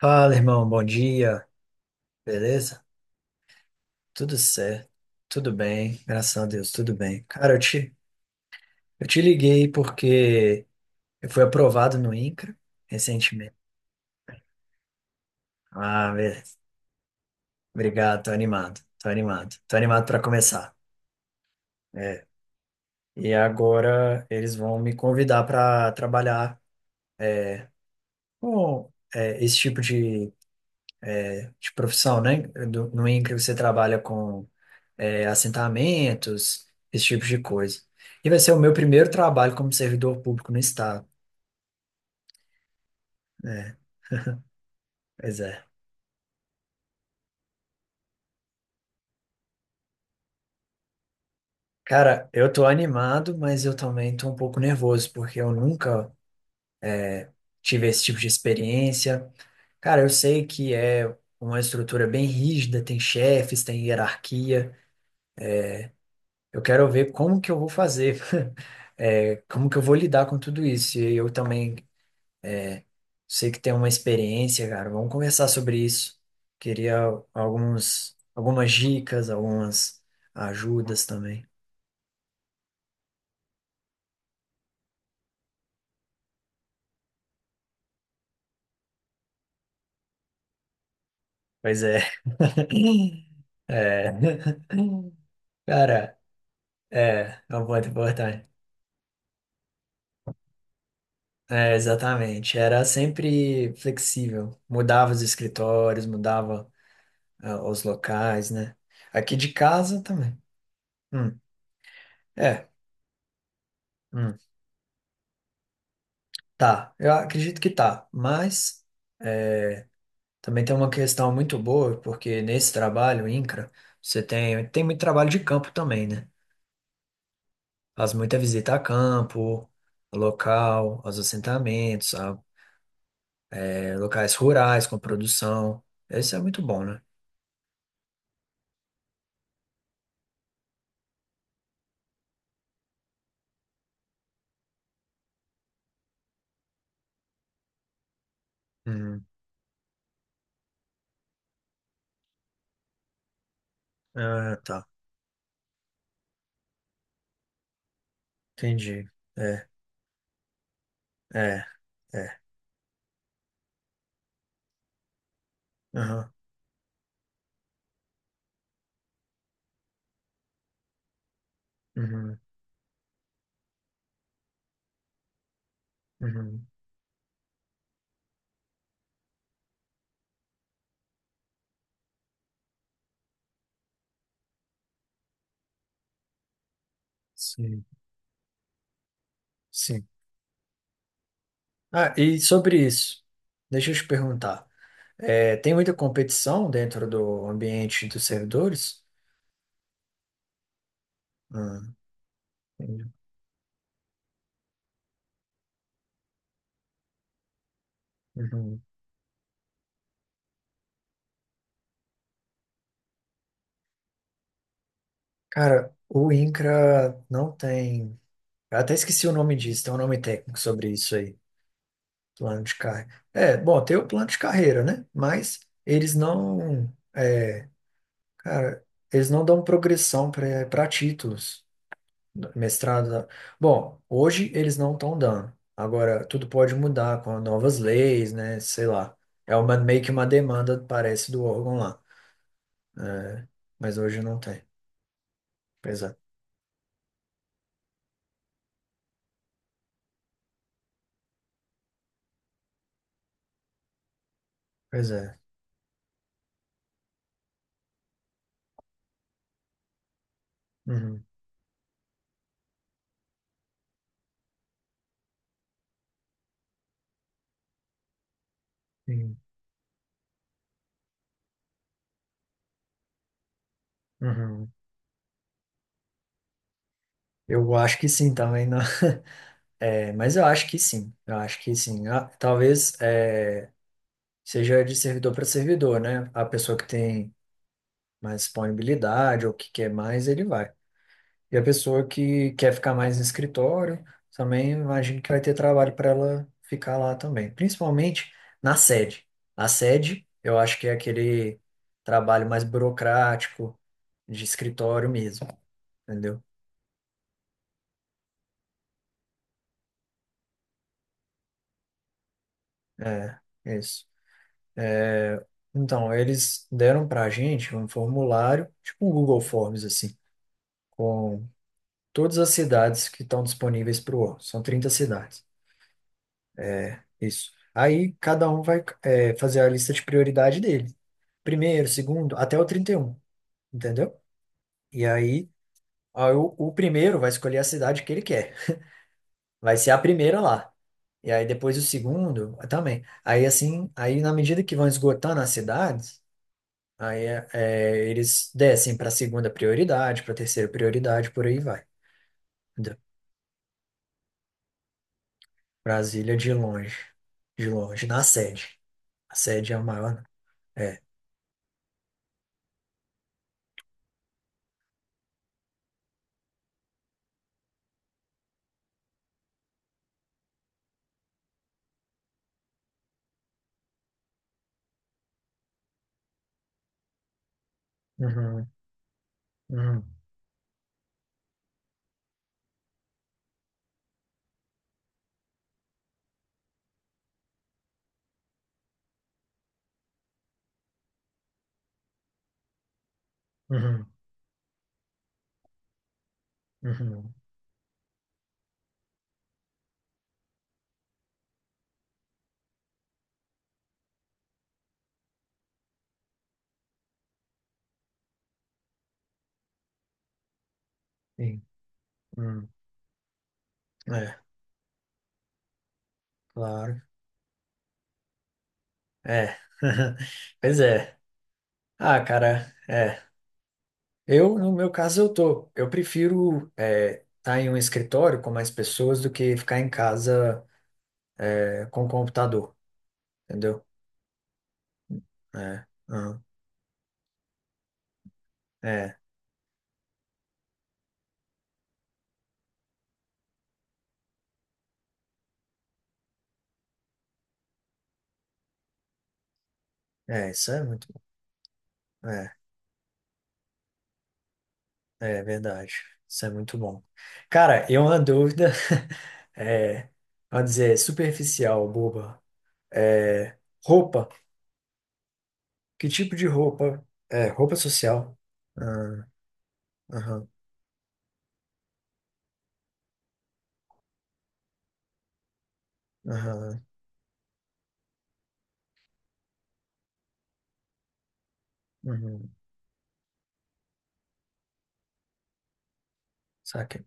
Fala, irmão, bom dia, beleza? Tudo certo, tudo bem, graças a Deus, tudo bem. Cara, eu te liguei porque eu fui aprovado no INCRA recentemente. Ah, beleza. Obrigado, tô animado, tô animado, tô animado para começar. É. E agora eles vão me convidar para trabalhar com é, esse tipo de profissão, né? No INCRA você trabalha com é, assentamentos, esse tipo de coisa. E vai ser o meu primeiro trabalho como servidor público no estado. Pois é. Cara, eu tô animado, mas eu também tô um pouco nervoso, porque eu nunca tive esse tipo de experiência. Cara, eu sei que é uma estrutura bem rígida, tem chefes, tem hierarquia. Eu quero ver como que eu vou fazer, é, como que eu vou lidar com tudo isso. E eu também sei que tem uma experiência, cara. Vamos conversar sobre isso. Queria algumas dicas, algumas ajudas também. Pois é. É. Cara, é um ponto importante. É, exatamente. Era sempre flexível. Mudava os escritórios, mudava, os locais, né? Aqui de casa também. Hum, é. Hum, tá. Eu acredito que tá. Mas, é, também tem uma questão muito boa, porque nesse trabalho, INCRA, você tem muito trabalho de campo também, né? Faz muita visita a campo, local, aos assentamentos, a, é, locais rurais com produção. Isso é muito bom, né? Uhum. Ah, tá. Entendi. É, é, é. Aham. Uhum. Uhum. Sim, sim. Ah, e sobre isso, deixa eu te perguntar. É, tem muita competição dentro do ambiente dos servidores? Ah, entendi. Uhum. Cara, o INCRA não tem. Eu até esqueci o nome disso, tem um nome técnico sobre isso aí, plano de carreira. É, bom, tem o plano de carreira, né? Mas eles não. É, cara, eles não dão progressão para títulos, mestrado. Bom, hoje eles não estão dando. Agora, tudo pode mudar com novas leis, né? Sei lá. É meio que uma demanda, parece, do órgão lá. Mas hoje não tem. Pois é. Pois é. Uhum. Uhum. Uhum. Eu acho que sim também, não. É, mas eu acho que sim. Eu acho que sim. Ah, talvez é, seja de servidor para servidor, né? A pessoa que tem mais disponibilidade ou que quer mais, ele vai. E a pessoa que quer ficar mais no escritório, também imagino que vai ter trabalho para ela ficar lá também. Principalmente na sede. A sede, eu acho que é aquele trabalho mais burocrático de escritório mesmo, entendeu? É, isso. Então, eles deram para a gente um formulário, tipo um Google Forms, assim, com todas as cidades que estão disponíveis para o órgão. São 30 cidades, isso. Aí, cada um vai, é, fazer a lista de prioridade dele. Primeiro, segundo, até o 31, entendeu? E aí, aí o primeiro vai escolher a cidade que ele quer. Vai ser a primeira lá. E aí, depois o segundo também. Aí, assim, aí na medida que vão esgotando as cidades, aí é, é, eles descem para segunda prioridade, para terceira prioridade, por aí vai. Entendeu? Brasília de longe, na sede. A sede é a maior, né? É. Uhum, uhum, uhum, uhum, sim, uhum. É, claro. É. Pois é. Ah, cara, é. Eu, no meu caso, eu tô. Eu prefiro é, estar em um escritório com mais pessoas do que ficar em casa é, com o computador, entendeu? É, uhum, é. É, isso é muito. É, é verdade. Isso é muito bom. Cara, e uma dúvida, é, vamos dizer, superficial, boba. É, roupa. Que tipo de roupa? É, roupa social. Ah, aham, aham, uhum. Saca.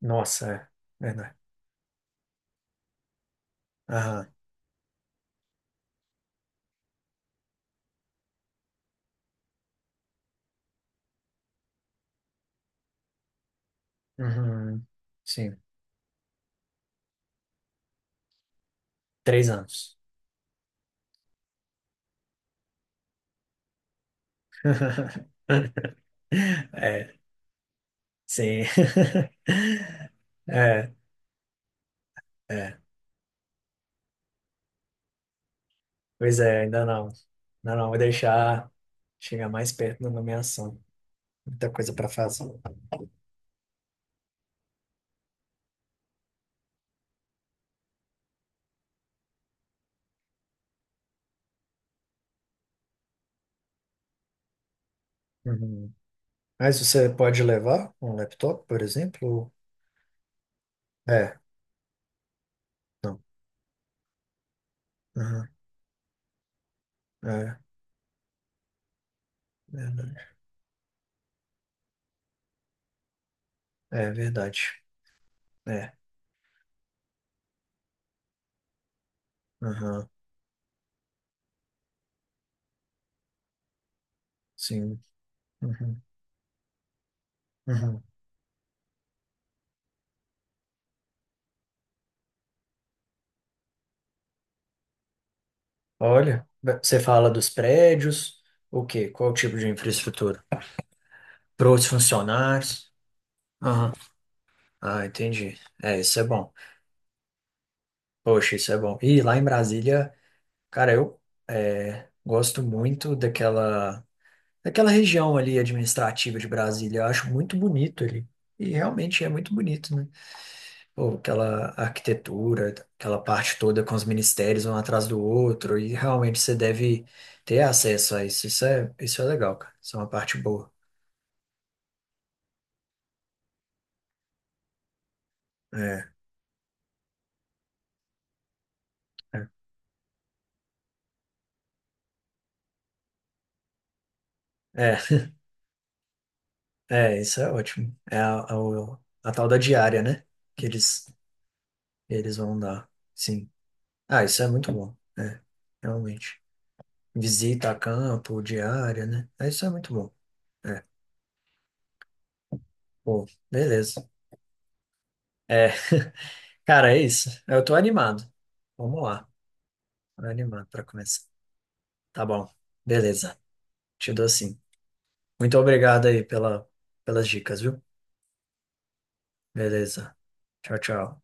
Nossa, é verdade. Aham, uhum. Sim. 3 anos. É, sim. É, é. Pois é, ainda não. Ainda não, vou deixar chegar mais perto da nomeação. Muita coisa para fazer. Uhum. Mas você pode levar um laptop, por exemplo? É, não. Uhum. É, verdade. É verdade. É. Uhum. Sim. Uhum. Uhum. Olha, você fala dos prédios, o quê? Qual tipo de infraestrutura? Para os funcionários? Aham. Ah, entendi. É, isso é bom. Poxa, isso é bom. E lá em Brasília, cara, eu é, gosto muito daquela. Aquela região ali administrativa de Brasília, eu acho muito bonito ali. E realmente é muito bonito, né? Pô, aquela arquitetura, aquela parte toda com os ministérios um atrás do outro, e realmente você deve ter acesso a isso. Isso é legal, cara. Isso é uma parte boa. É, é, é, é, isso é ótimo. É a, o- a tal da diária, né? Que eles vão dar. Sim. Ah, isso é muito bom. É, realmente. Visita a campo, diária, né? É, isso é muito bom. É. Pô, beleza. É, cara, é isso. Eu tô animado. Vamos lá. Tô animado pra começar. Tá bom. Beleza. Te dou sim. Muito obrigado aí pelas dicas, viu? Beleza. Tchau, tchau.